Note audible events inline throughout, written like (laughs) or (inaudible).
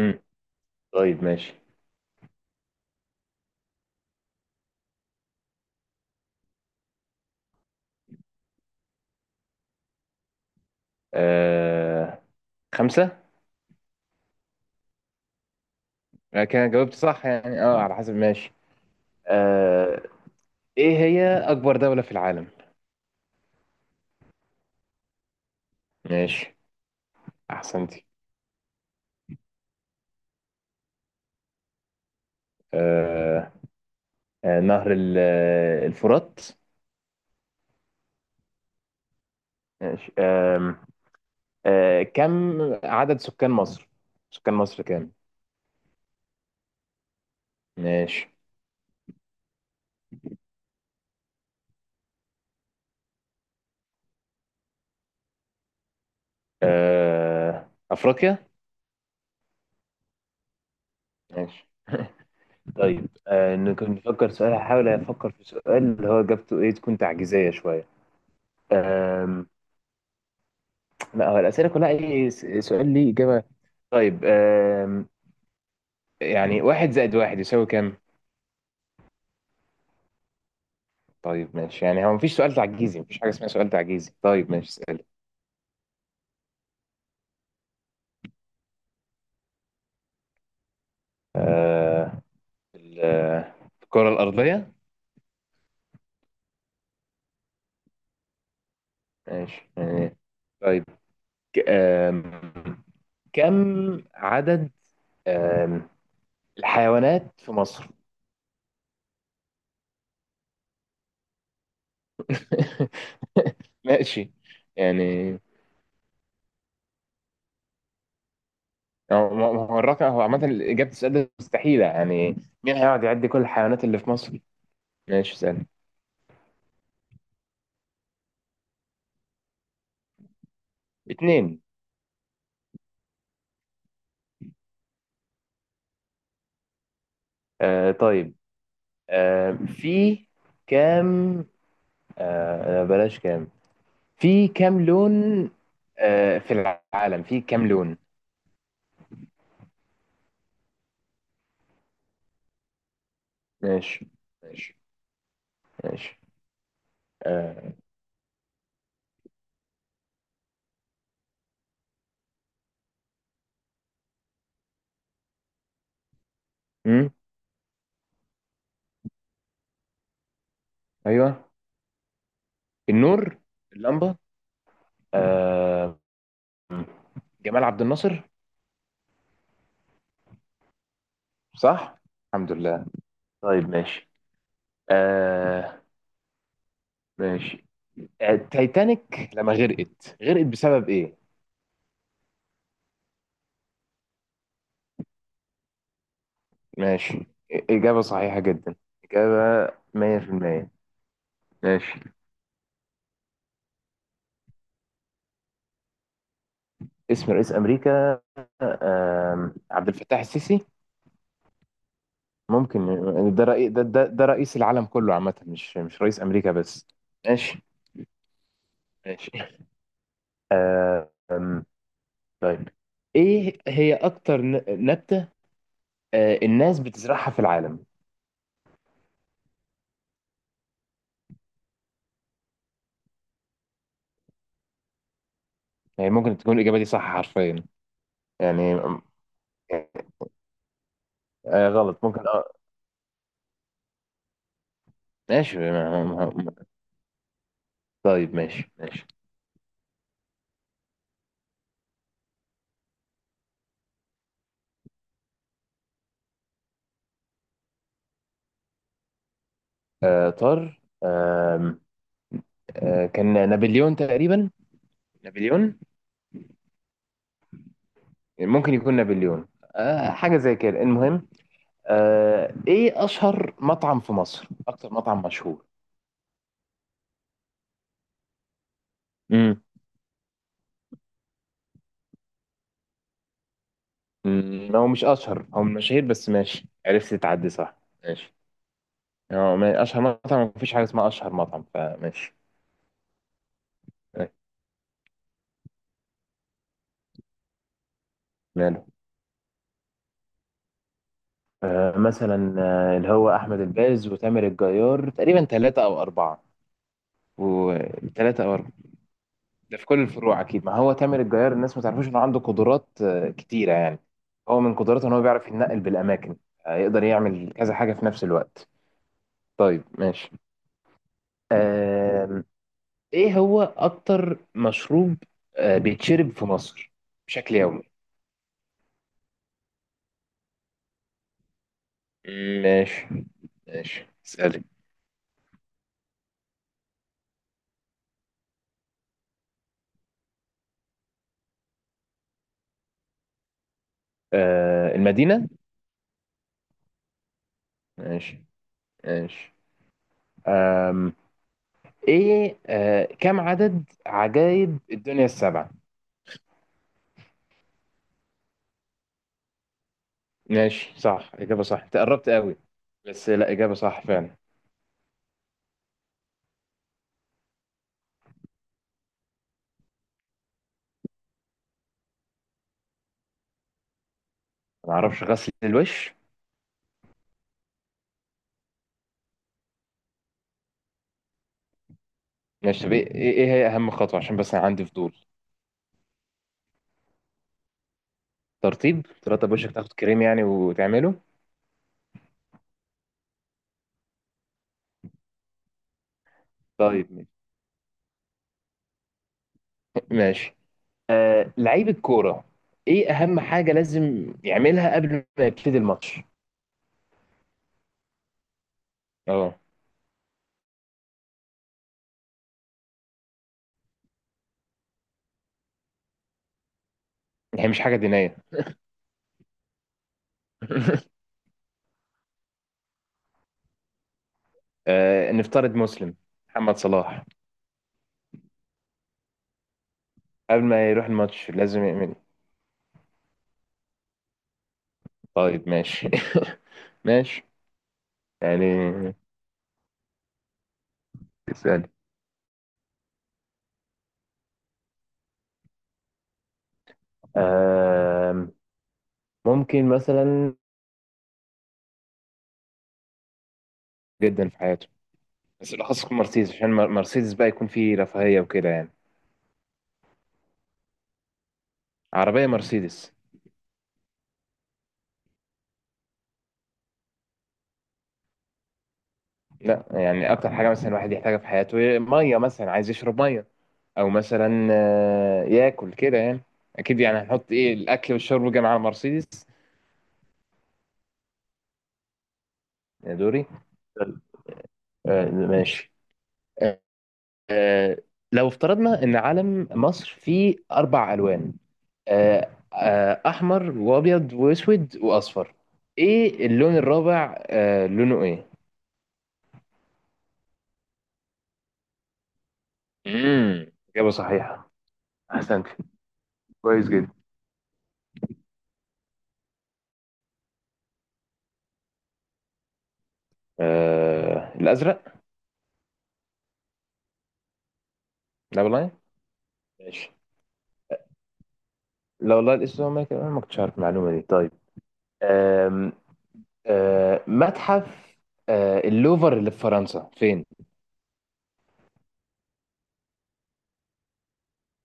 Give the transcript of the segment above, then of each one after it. مم. طيب ماشي. آه... خمسة. أنا كده جاوبت صح، يعني على حسب، ماشي. آه... ايه هي أكبر دولة في العالم؟ ماشي، أحسنتي. آه... نهر الفرات. ماشي. كم عدد سكان مصر؟ سكان مصر كام؟ ماشي. أفريقيا؟ ماشي طيب. نكون نفكر سؤال، هحاول أفكر في سؤال اللي هو إجابته ايه تكون تعجيزية شوية. آم... لا، هو الأسئلة كلها أي سؤال ليه إجابة. طيب، يعني واحد زائد واحد يساوي كام؟ طيب ماشي، يعني هو مفيش سؤال تعجيزي، مفيش حاجة اسمها سؤال تعجيزي. طيب ماشي، اسأل. آه، ال- آه، الكرة الأرضية. ماشي يعني. طيب، ك- آم، كم عدد آم، الحيوانات في مصر؟ (laughs) ماشي يعني. هو الرقم هو، عامة إجابة السؤال ده مستحيلة يعني. مين هيقعد يعد كل الحيوانات اللي في مصر؟ ماشي اسأل. اتنين. آه طيب. آه في كام، بلاش كام، في كام لون، آه في العالم في كام لون؟ ماشي ماشي ماشي. آه مم. ايوه، النور، اللمبة. آه جمال عبد الناصر. صح، الحمد لله. طيب ماشي. آه ماشي. التايتانيك لما غرقت، غرقت بسبب ايه؟ ماشي، إجابة صحيحة جدا، إجابة 100%. ماشي. اسم رئيس امريكا، عبد الفتاح السيسي. ممكن يعني، ده رئيس، ده رئيس العالم كله عامه، مش رئيس امريكا بس. ماشي ماشي، آم، طيب. ايه هي اكتر نبتة، الناس بتزرعها في العالم؟ يعني ممكن تكون الاجابة دي صح حرفيا يعني. آه، غلط ممكن ماشي. طيب ماشي ماشي. آه، طار. آم، آه، كان نابليون تقريبا. نابليون، يعني ممكن يكون نابليون. حاجة زي كده المهم. ايه اشهر مطعم في مصر، اكتر مطعم مشهور؟ امم. هو مش اشهر، هو من المشاهير بس، ماشي عرفت تعدي صح. ماشي. هو اشهر مطعم، مفيش حاجة اسمها اشهر مطعم، فماشي. آه، ماله. مثلا، آه، اللي هو احمد الباز وتامر الجيار تقريبا ثلاثة او اربعة، وثلاثة او اربعة. ده في كل الفروع اكيد، ما هو تامر الجيار الناس ما تعرفوش انه عنده قدرات كتيره يعني. هو من قدراته ان هو بيعرف يتنقل بالاماكن، يقدر يعمل كذا حاجه في نفس الوقت. طيب ماشي، آم، ايه هو اكتر مشروب بيتشرب في مصر بشكل يومي؟ ماشي، ماشي اسالك. المدينه. ماشي ماشي، آم، ايه كم عدد عجائب الدنيا السبعه؟ ماشي، صح، إجابة صح، أنت قربت قوي، بس لا إجابة صح فعلا. ما أعرفش، غسل الوش. ماشي طب، إيه هي أهم خطوة، عشان بس أنا عندي فضول؟ ترطيب؟ ترطب وشك، تاخد كريم يعني وتعمله. طيب، (laughs) ماشي. لعيب الكورة، إيه أهم حاجة لازم يعملها قبل ما يبتدي الماتش؟ أه، هي مش حاجة دينية. (laughs) نفترض مسلم، محمد صلاح، قبل ما يروح الماتش لازم يعمل إيه؟ طيب ماشي. (laughs) ماشي يعني، اسأل. آم، ممكن مثلا جدا في حياته، بس بالاخص يكون مرسيدس، عشان مرسيدس بقى يكون فيه رفاهيه وكده يعني. عربيه مرسيدس. لا يعني، اكتر حاجه مثلا الواحد يحتاجها في حياته ميه، مثلا عايز يشرب ميه، او مثلا ياكل كده يعني. اكيد يعني هنحط ايه، الاكل والشرب جنب على مرسيدس. يا دوري. ماشي. آه، لو افترضنا ان علم مصر فيه اربع الوان، احمر وابيض واسود واصفر، ايه اللون الرابع، لونه ايه؟ امم. اجابه صحيحه، احسنت، كويس جدا. الازرق. لا والله. ماشي. لا والله، الاسود، ما كان- أنا ما كنتش عارف المعلومه دي. طيب، آم، آه، متحف اللوفر اللي في فرنسا فين؟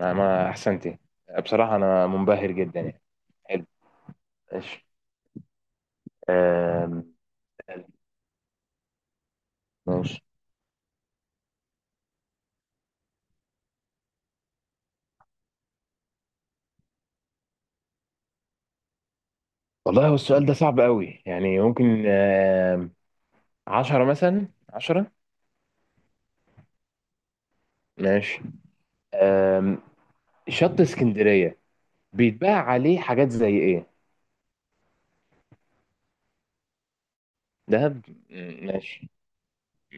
انا، ما احسنتي، بصراحه انا منبهر جدا يعني، حلو. ماشي، آم، ماشي. والله هو السؤال ده صعب قوي، يعني ممكن 10 مثلا، 10. ماشي. أم، شط اسكندرية بيتباع عليه حاجات زي ايه؟ دهب. ماشي.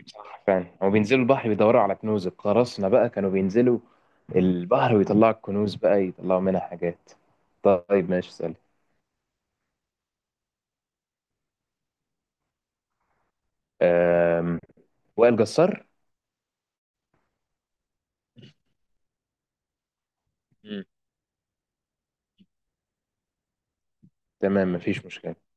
صح فعلا، هو بينزلوا البحر بيدوروا على كنوز القراصنة بقى، كانوا بينزلوا البحر ويطلعوا الكنوز بقى، يطلعوا منها حاجات. طيب ماشي اسأل. أم، وائل جسار. مم. تمام، مفيش مشكلة.